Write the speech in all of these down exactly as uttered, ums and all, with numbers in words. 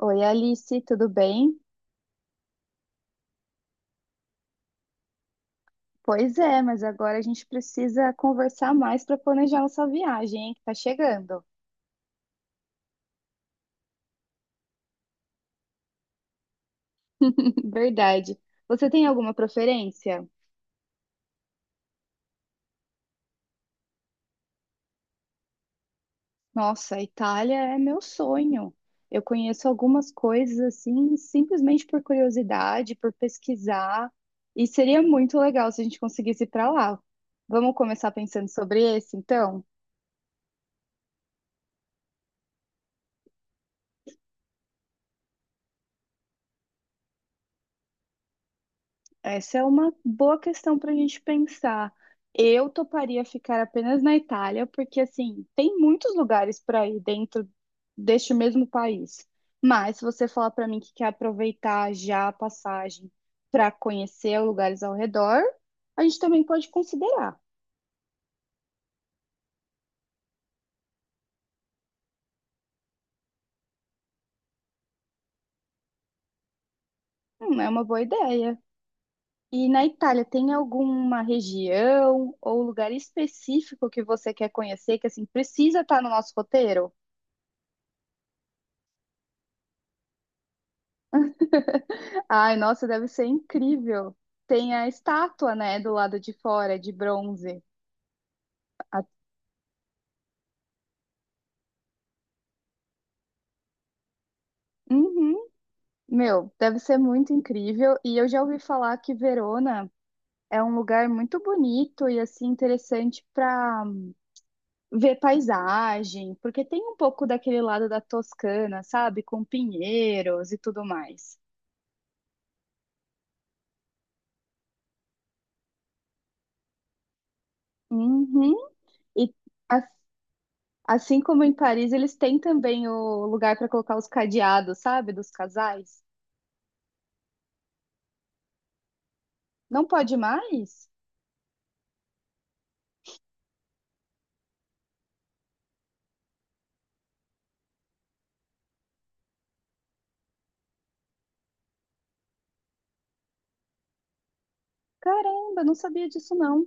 Oi, Alice, tudo bem? Pois é, mas agora a gente precisa conversar mais para planejar nossa viagem, hein, que tá chegando. Verdade. Você tem alguma preferência? Nossa, a Itália é meu sonho. Eu conheço algumas coisas assim, simplesmente por curiosidade, por pesquisar, e seria muito legal se a gente conseguisse ir para lá. Vamos começar pensando sobre esse, então? Essa é uma boa questão para a gente pensar. Eu toparia ficar apenas na Itália, porque assim, tem muitos lugares para ir dentro deste mesmo país. Mas se você falar para mim que quer aproveitar já a passagem para conhecer lugares ao redor, a gente também pode considerar. Hum, é uma boa ideia. E na Itália, tem alguma região ou lugar específico que você quer conhecer que assim precisa estar no nosso roteiro? Ai, nossa, deve ser incrível. Tem a estátua, né, do lado de fora, de bronze. A- Uhum. Meu, deve ser muito incrível. E eu já ouvi falar que Verona é um lugar muito bonito e assim interessante para ver paisagem, porque tem um pouco daquele lado da Toscana, sabe, com pinheiros e tudo mais. Uhum. E a- assim como em Paris, eles têm também o lugar para colocar os cadeados, sabe, dos casais. Não pode mais? Caramba, não sabia disso não.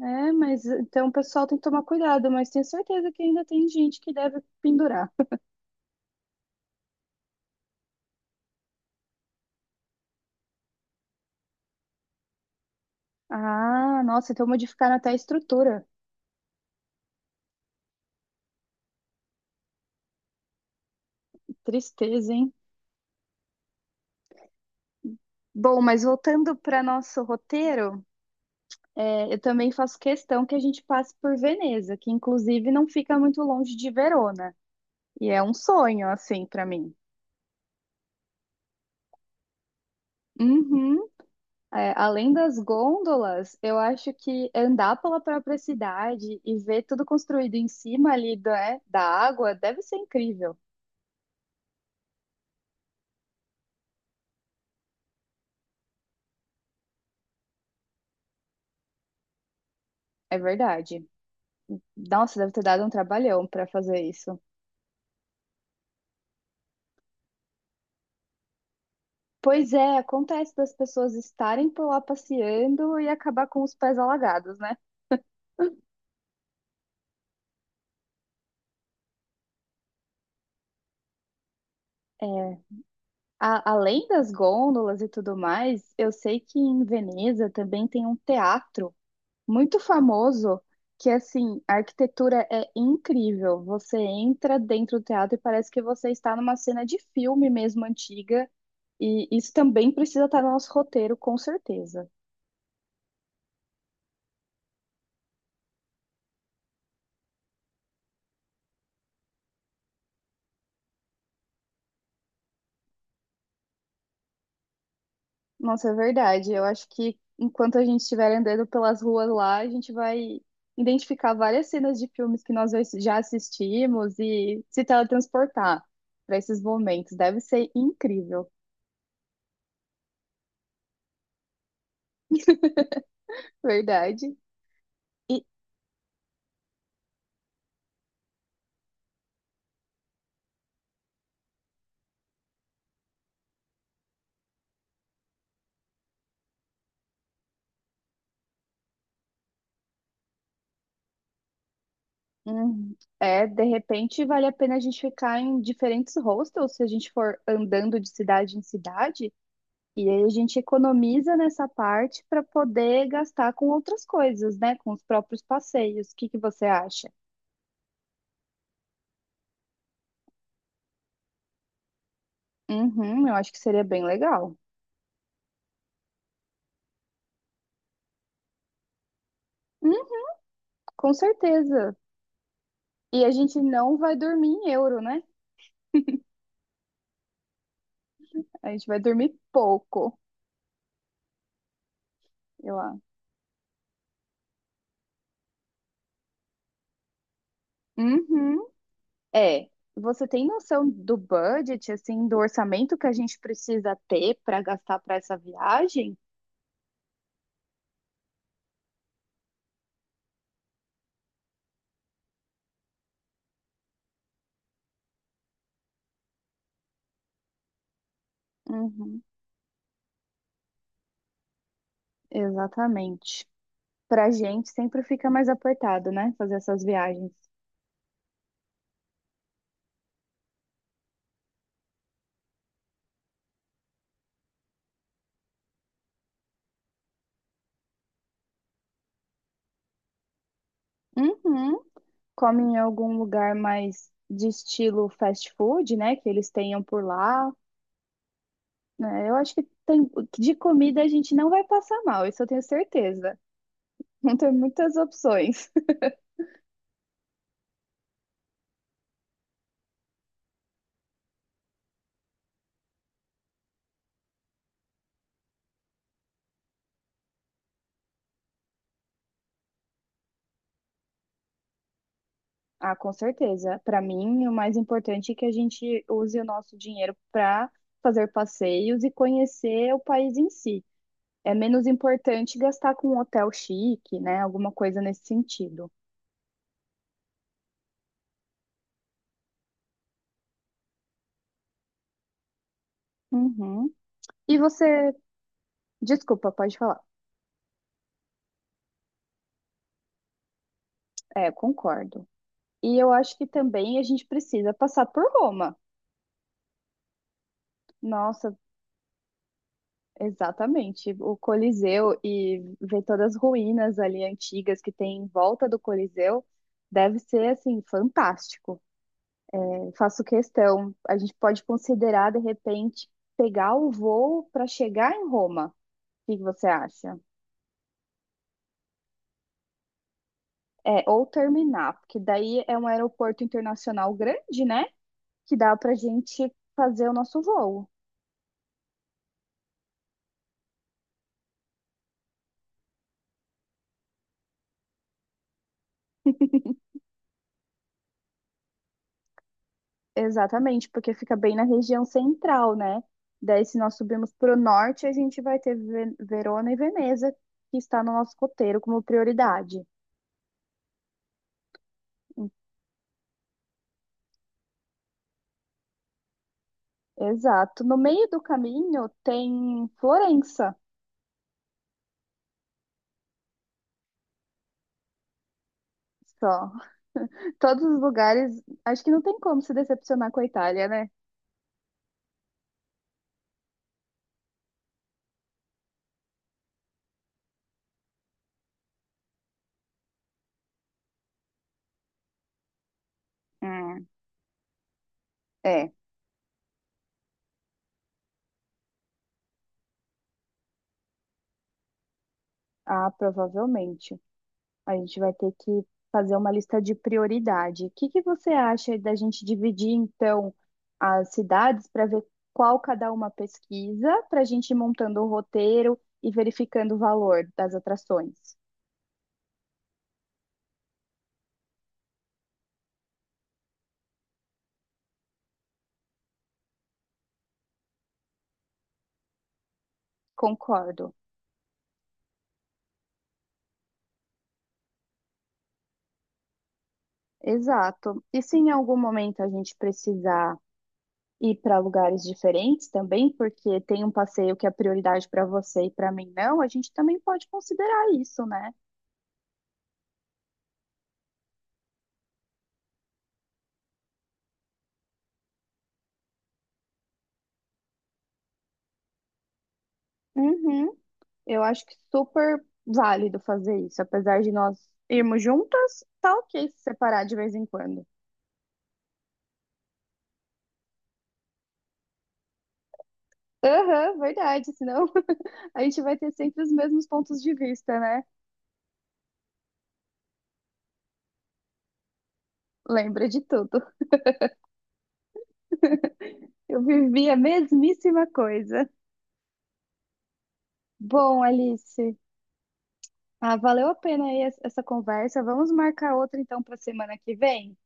É, mas então o pessoal tem que tomar cuidado, mas tenho certeza que ainda tem gente que deve pendurar. Ah, nossa, então modificaram até a estrutura. Tristeza, hein? Bom, mas voltando para nosso roteiro, é, eu também faço questão que a gente passe por Veneza, que inclusive não fica muito longe de Verona. E é um sonho, assim, para mim. Uhum. É, além das gôndolas, eu acho que andar pela própria cidade e ver tudo construído em cima ali da, é, da água deve ser incrível. É verdade. Nossa, deve ter dado um trabalhão para fazer isso. Pois é, acontece das pessoas estarem por lá passeando e acabar com os pés alagados, né? É, a- além das gôndolas e tudo mais, eu sei que em Veneza também tem um teatro muito famoso que assim, a arquitetura é incrível. Você entra dentro do teatro e parece que você está numa cena de filme mesmo antiga, e isso também precisa estar no nosso roteiro, com certeza. Nossa, é verdade. Eu acho que enquanto a gente estiver andando pelas ruas lá, a gente vai identificar várias cenas de filmes que nós já assistimos e se teletransportar para esses momentos. Deve ser incrível. Verdade. E Hum, É, de repente vale a pena a gente ficar em diferentes hostels se a gente for andando de cidade em cidade, e aí a gente economiza nessa parte para poder gastar com outras coisas, né? Com os próprios passeios. O que que você acha? Uhum, eu acho que seria bem legal. Hum, com certeza. E a gente não vai dormir em euro, né? A gente vai dormir pouco, eu acho. Uhum. É, você tem noção do budget, assim, do orçamento que a gente precisa ter para gastar para essa viagem? Uhum, exatamente. Pra gente sempre fica mais apertado, né? Fazer essas viagens. Uhum. Come em algum lugar mais de estilo fast food, né? Que eles tenham por lá. Né? Eu acho que tem, de comida a gente não vai passar mal, isso eu tenho certeza. Vão ter muitas opções. Ah, com certeza. Para mim, o mais importante é que a gente use o nosso dinheiro para fazer passeios e conhecer o país em si. É menos importante gastar com um hotel chique, né? Alguma coisa nesse sentido. Uhum. E você, desculpa, pode falar. É, concordo. E eu acho que também a gente precisa passar por Roma. Nossa, exatamente. O Coliseu e ver todas as ruínas ali antigas que tem em volta do Coliseu deve ser assim fantástico. Eu faço questão. A gente pode considerar, de repente, pegar o voo para chegar em Roma. O que que você acha? É, ou terminar, porque daí é um aeroporto internacional grande, né? Que dá para a gente fazer o nosso voo. Exatamente, porque fica bem na região central, né? Daí, se nós subirmos para o norte, a gente vai ter Ve- Verona e Veneza, que está no nosso roteiro como prioridade. Exato. No meio do caminho tem Florença. Só. Todos os lugares. Acho que não tem como se decepcionar com a Itália, né? Hum, é. Ah, provavelmente. A gente vai ter que fazer uma lista de prioridade. O que que você acha da gente dividir, então, as cidades para ver qual cada uma pesquisa, para a gente ir montando o roteiro e verificando o valor das atrações? Concordo. Exato. E se em algum momento a gente precisar ir para lugares diferentes também, porque tem um passeio que é prioridade para você e para mim não, a gente também pode considerar isso, né? Uhum. Eu acho que super válido fazer isso, apesar de nós irmos juntas, tá ok se separar de vez em quando. Aham, verdade, senão a gente vai ter sempre os mesmos pontos de vista, né? Lembra de tudo. Eu vivi a mesmíssima coisa. Bom, Alice, ah, valeu a pena aí es- essa conversa. Vamos marcar outra então para semana que vem?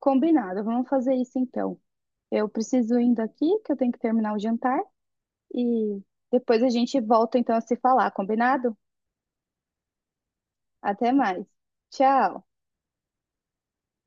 Combinado, vamos fazer isso então. Eu preciso indo aqui, que eu tenho que terminar o jantar, e depois a gente volta então a se falar, combinado? Até mais. Tchau.